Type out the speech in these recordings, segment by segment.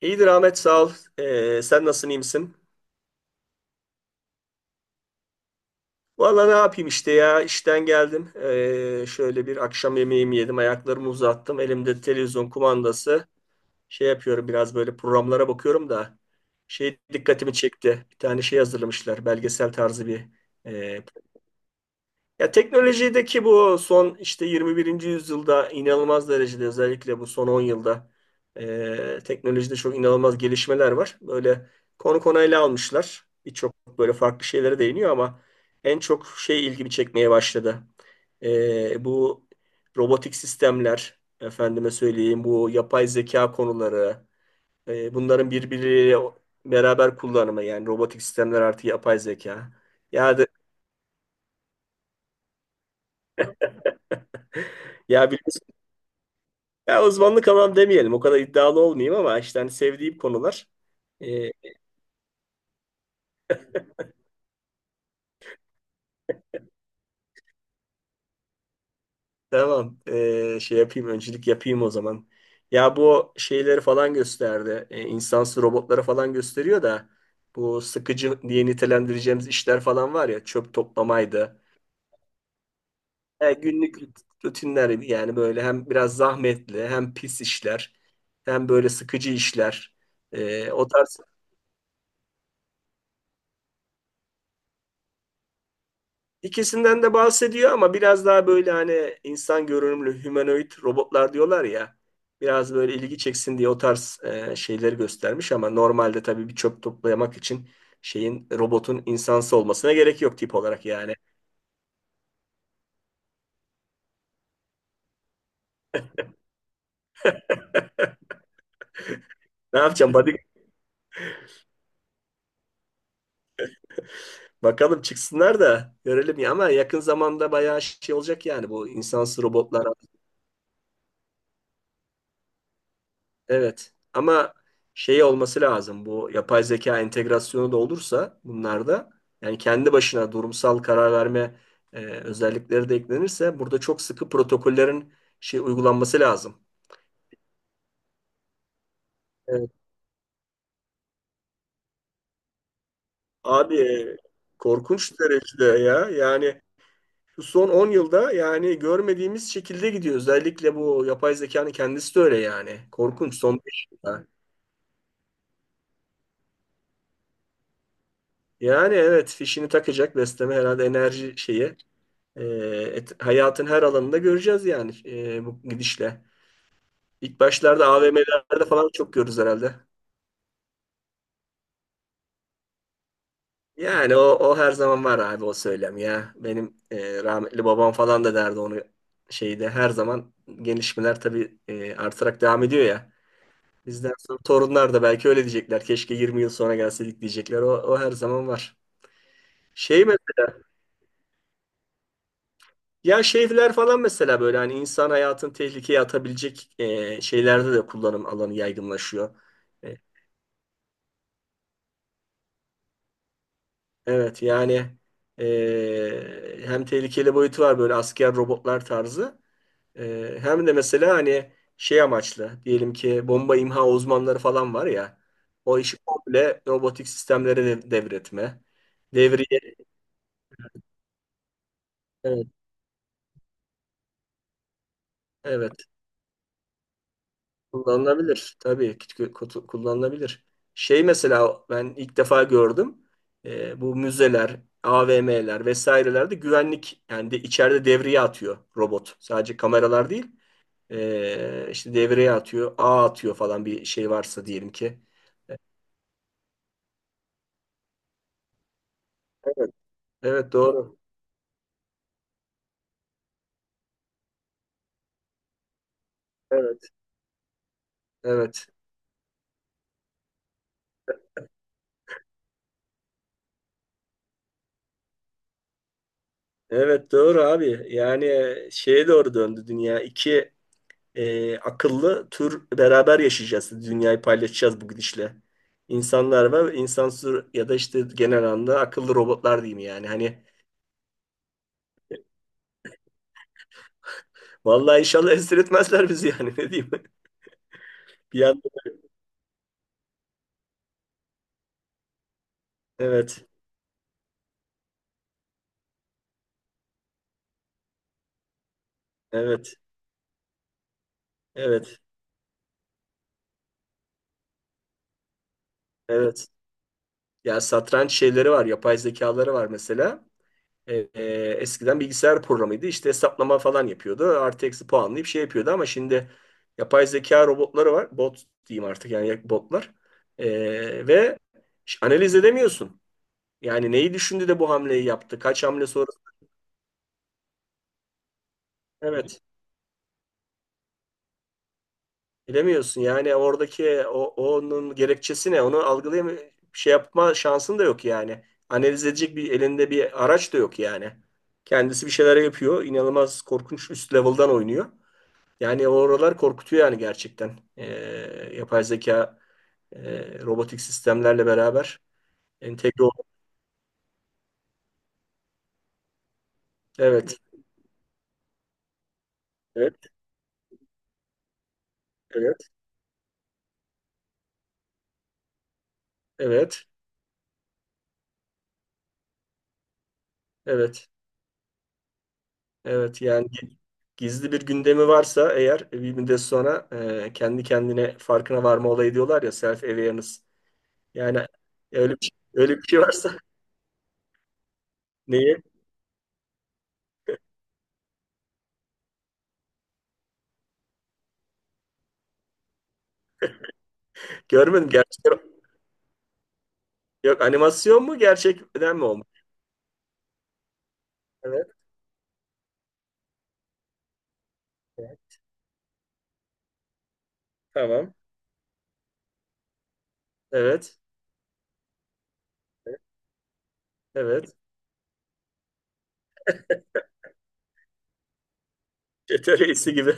İyidir Ahmet sağ ol. Sen nasılsın iyi misin? Valla ne yapayım işte ya işten geldim. Şöyle bir akşam yemeğimi yedim. Ayaklarımı uzattım. Elimde televizyon kumandası. Şey yapıyorum biraz böyle programlara bakıyorum da. Şey dikkatimi çekti. Bir tane şey hazırlamışlar. Belgesel tarzı bir, e, Ya teknolojideki bu son işte 21. yüzyılda inanılmaz derecede, özellikle bu son 10 yılda, teknolojide çok inanılmaz gelişmeler var. Böyle konu konu ele almışlar. Birçok böyle farklı şeylere değiniyor ama en çok şey ilgimi çekmeye başladı. Bu robotik sistemler, efendime söyleyeyim bu yapay zeka konuları, bunların birbiriyle beraber kullanımı, yani robotik sistemler artı yapay zeka. Ya da ya Ya uzmanlık alan demeyelim. O kadar iddialı olmayayım ama işte hani sevdiğim konular. Ee, tamam. Şey yapayım. Öncülük yapayım o zaman. Ya bu şeyleri falan gösterdi. İnsansı robotları falan gösteriyor da bu sıkıcı diye nitelendireceğimiz işler falan var ya, çöp toplamaydı. Ya günlük rutinler, yani böyle hem biraz zahmetli hem pis işler, hem böyle sıkıcı işler. O tarz... İkisinden de bahsediyor ama biraz daha böyle hani insan görünümlü humanoid robotlar diyorlar ya. Biraz böyle ilgi çeksin diye o tarz şeyleri göstermiş ama normalde tabii bir çöp toplamak için şeyin, robotun insansı olmasına gerek yok tip olarak yani. Ne yapacağım? Hadi bakalım çıksınlar da görelim ya, ama yakın zamanda bayağı şey olacak, yani bu insansız robotlar. Evet. Ama şey olması lazım. Bu yapay zeka entegrasyonu da olursa bunlarda, yani kendi başına durumsal karar verme özellikleri de eklenirse, burada çok sıkı protokollerin şey uygulanması lazım. Evet. Abi, korkunç derecede ya. Yani şu son 10 yılda yani görmediğimiz şekilde gidiyor. Özellikle bu yapay zekanın kendisi de öyle yani. Korkunç son 5 yılda. Yani evet, fişini takacak, besleme herhalde enerji şeyi. E, Hayatın her alanında göreceğiz yani, bu gidişle. İlk başlarda AVM'lerde falan çok görürüz herhalde. Yani o her zaman var abi, o söylem ya. Benim rahmetli babam falan da derdi onu, şeyde her zaman gelişmeler tabii artarak devam ediyor ya. Bizden sonra torunlar da belki öyle diyecekler. Keşke 20 yıl sonra gelseydik diyecekler. O her zaman var. Şey mesela, ya şeyler falan mesela, böyle hani insan hayatını tehlikeye atabilecek şeylerde de kullanım alanı yaygınlaşıyor. E, Evet yani, hem tehlikeli boyutu var, böyle asker robotlar tarzı. Hem de mesela hani şey amaçlı, diyelim ki bomba imha uzmanları falan var ya, o işi komple robotik sistemlere devretme. Devriye... Evet, evet, kullanılabilir tabii ki, kullanılabilir. Şey mesela, ben ilk defa gördüm. Bu müzeler, AVM'ler vesairelerde güvenlik, yani de içeride devriye atıyor robot. Sadece kameralar değil. İşte devreye atıyor, ağ atıyor falan, bir şey varsa diyelim ki. Evet, evet, doğru. Evet, evet. Evet doğru abi. Yani şeye doğru döndü dünya. İki akıllı tür beraber yaşayacağız. Dünyayı paylaşacağız bu gidişle. İnsanlar ve insansız, ya da işte genel anlamda akıllı robotlar diyeyim yani. Hani vallahi, inşallah esir etmezler bizi yani, ne diyeyim. Bir yandan, evet, evet, evet, evet. Ya satranç şeyleri var, yapay zekaları var mesela. E, e, eskiden bilgisayar programıydı. İşte hesaplama falan yapıyordu. Artı eksi puanlayıp şey yapıyordu ama şimdi yapay zeka robotları var. Bot diyeyim artık, yani botlar. Ve analiz edemiyorsun. Yani neyi düşündü de bu hamleyi yaptı? Kaç hamle sonra? Evet. Bilemiyorsun. Yani oradaki onun gerekçesi ne? Onu algılayam, şey yapma şansın da yok yani. Analiz edecek, bir elinde bir araç da yok yani. Kendisi bir şeyler yapıyor. İnanılmaz korkunç, üst level'dan oynuyor. Yani oralar korkutuyor yani gerçekten. Yapay zeka, robotik sistemlerle beraber entegre ol. Evet, evet, evet, evet, evet, evet. Yani gizli bir gündemi varsa eğer, bir müddet sonra kendi kendine farkına varma olayı, diyorlar ya, self awareness. Yani öyle bir şey varsa neyi? Görmedim gerçek. Yok, animasyon mu, gerçekten mi olmuş? Evet, evet. Tamam. Evet, evet. Çete reisi gibi.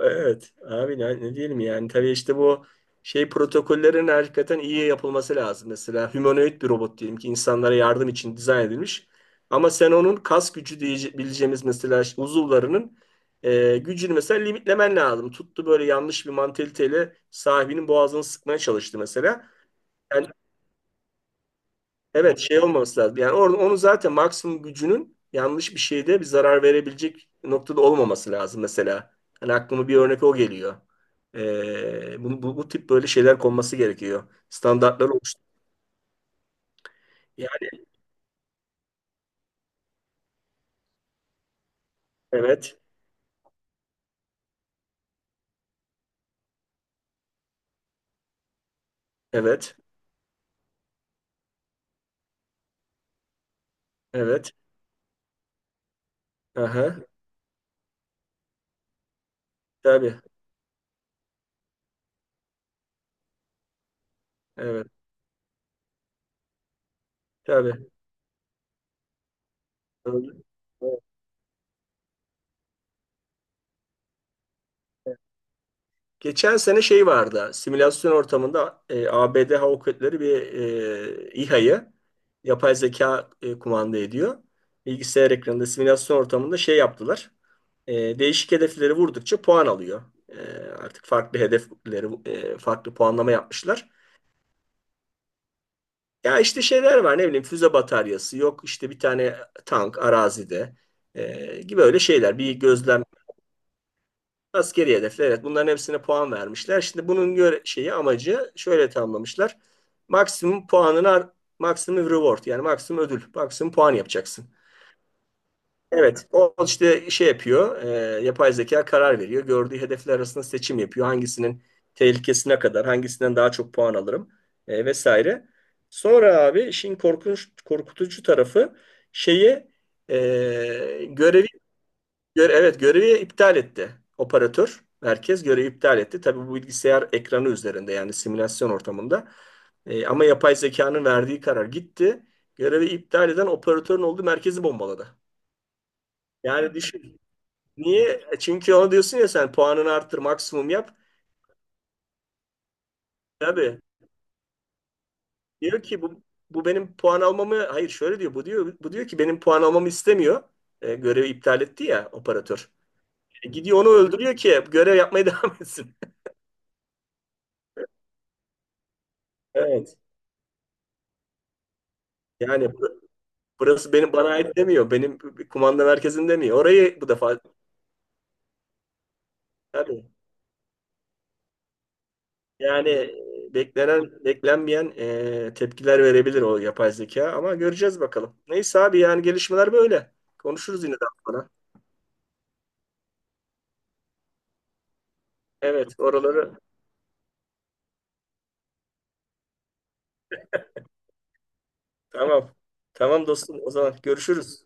Evet abi, ne diyelim yani, tabii işte bu şey protokollerin hakikaten iyi yapılması lazım. Mesela humanoid bir robot, diyelim ki insanlara yardım için dizayn edilmiş. Ama sen onun kas gücü diyebileceğimiz, mesela uzuvlarının gücünü mesela limitlemen lazım. Tuttu böyle yanlış bir mantaliteyle sahibinin boğazını sıkmaya çalıştı mesela. Yani, evet, şey olmaması lazım. Yani onu zaten maksimum gücünün yanlış bir şeyde bir zarar verebilecek noktada olmaması lazım mesela. Hani aklıma bir örnek o geliyor. Bu tip böyle şeyler konması gerekiyor. Standartlar oluştu. Yani evet, evet, evet. Aha, tabii, evet, tabii. Öyle. Evet. Geçen sene şey vardı. Simülasyon ortamında, ABD Hava Kuvvetleri bir İHA'yı yapay zeka kumanda ediyor. Bilgisayar ekranında, simülasyon ortamında şey yaptılar. Değişik hedefleri vurdukça puan alıyor. E, artık farklı hedefleri, farklı puanlama yapmışlar. Ya işte şeyler var, ne bileyim, füze bataryası, yok işte bir tane tank arazide gibi, öyle şeyler. Bir gözlem... Askeri hedefler, evet, bunların hepsine puan vermişler. Şimdi bunun göre şeyi amacı şöyle tamamlamışlar. Maksimum puanını, maksimum reward, yani maksimum ödül, maksimum puan yapacaksın. Evet o işte şey yapıyor. Yapay zeka karar veriyor. Gördüğü hedefler arasında seçim yapıyor. Hangisinin tehlikesine kadar, hangisinden daha çok puan alırım vesaire. Sonra abi işin korkunç korkutucu tarafı, şeyi, görevi, evet, görevi iptal etti. Operatör merkez görevi iptal etti. Tabii bu bilgisayar ekranı üzerinde, yani simülasyon ortamında. Ama yapay zekanın verdiği karar gitti. Görevi iptal eden operatörün olduğu merkezi bombaladı. Yani düşün. Niye? Çünkü ona diyorsun ya, sen puanını arttır, maksimum yap. Tabii. Diyor ki bu benim puan almamı, hayır, şöyle diyor. Bu diyor ki benim puan almamı istemiyor. Görevi iptal etti ya operatör. Gidiyor onu öldürüyor ki görev yapmaya devam etsin. Evet. Yani burası benim, bana ait demiyor. Benim kumanda merkezim demiyor. Orayı bu defa, tabii. Yani beklenen, beklenmeyen tepkiler verebilir o yapay zeka, ama göreceğiz bakalım. Neyse abi, yani gelişmeler böyle. Konuşuruz yine daha sonra. Evet, oraları tamam. Tamam dostum, o zaman görüşürüz.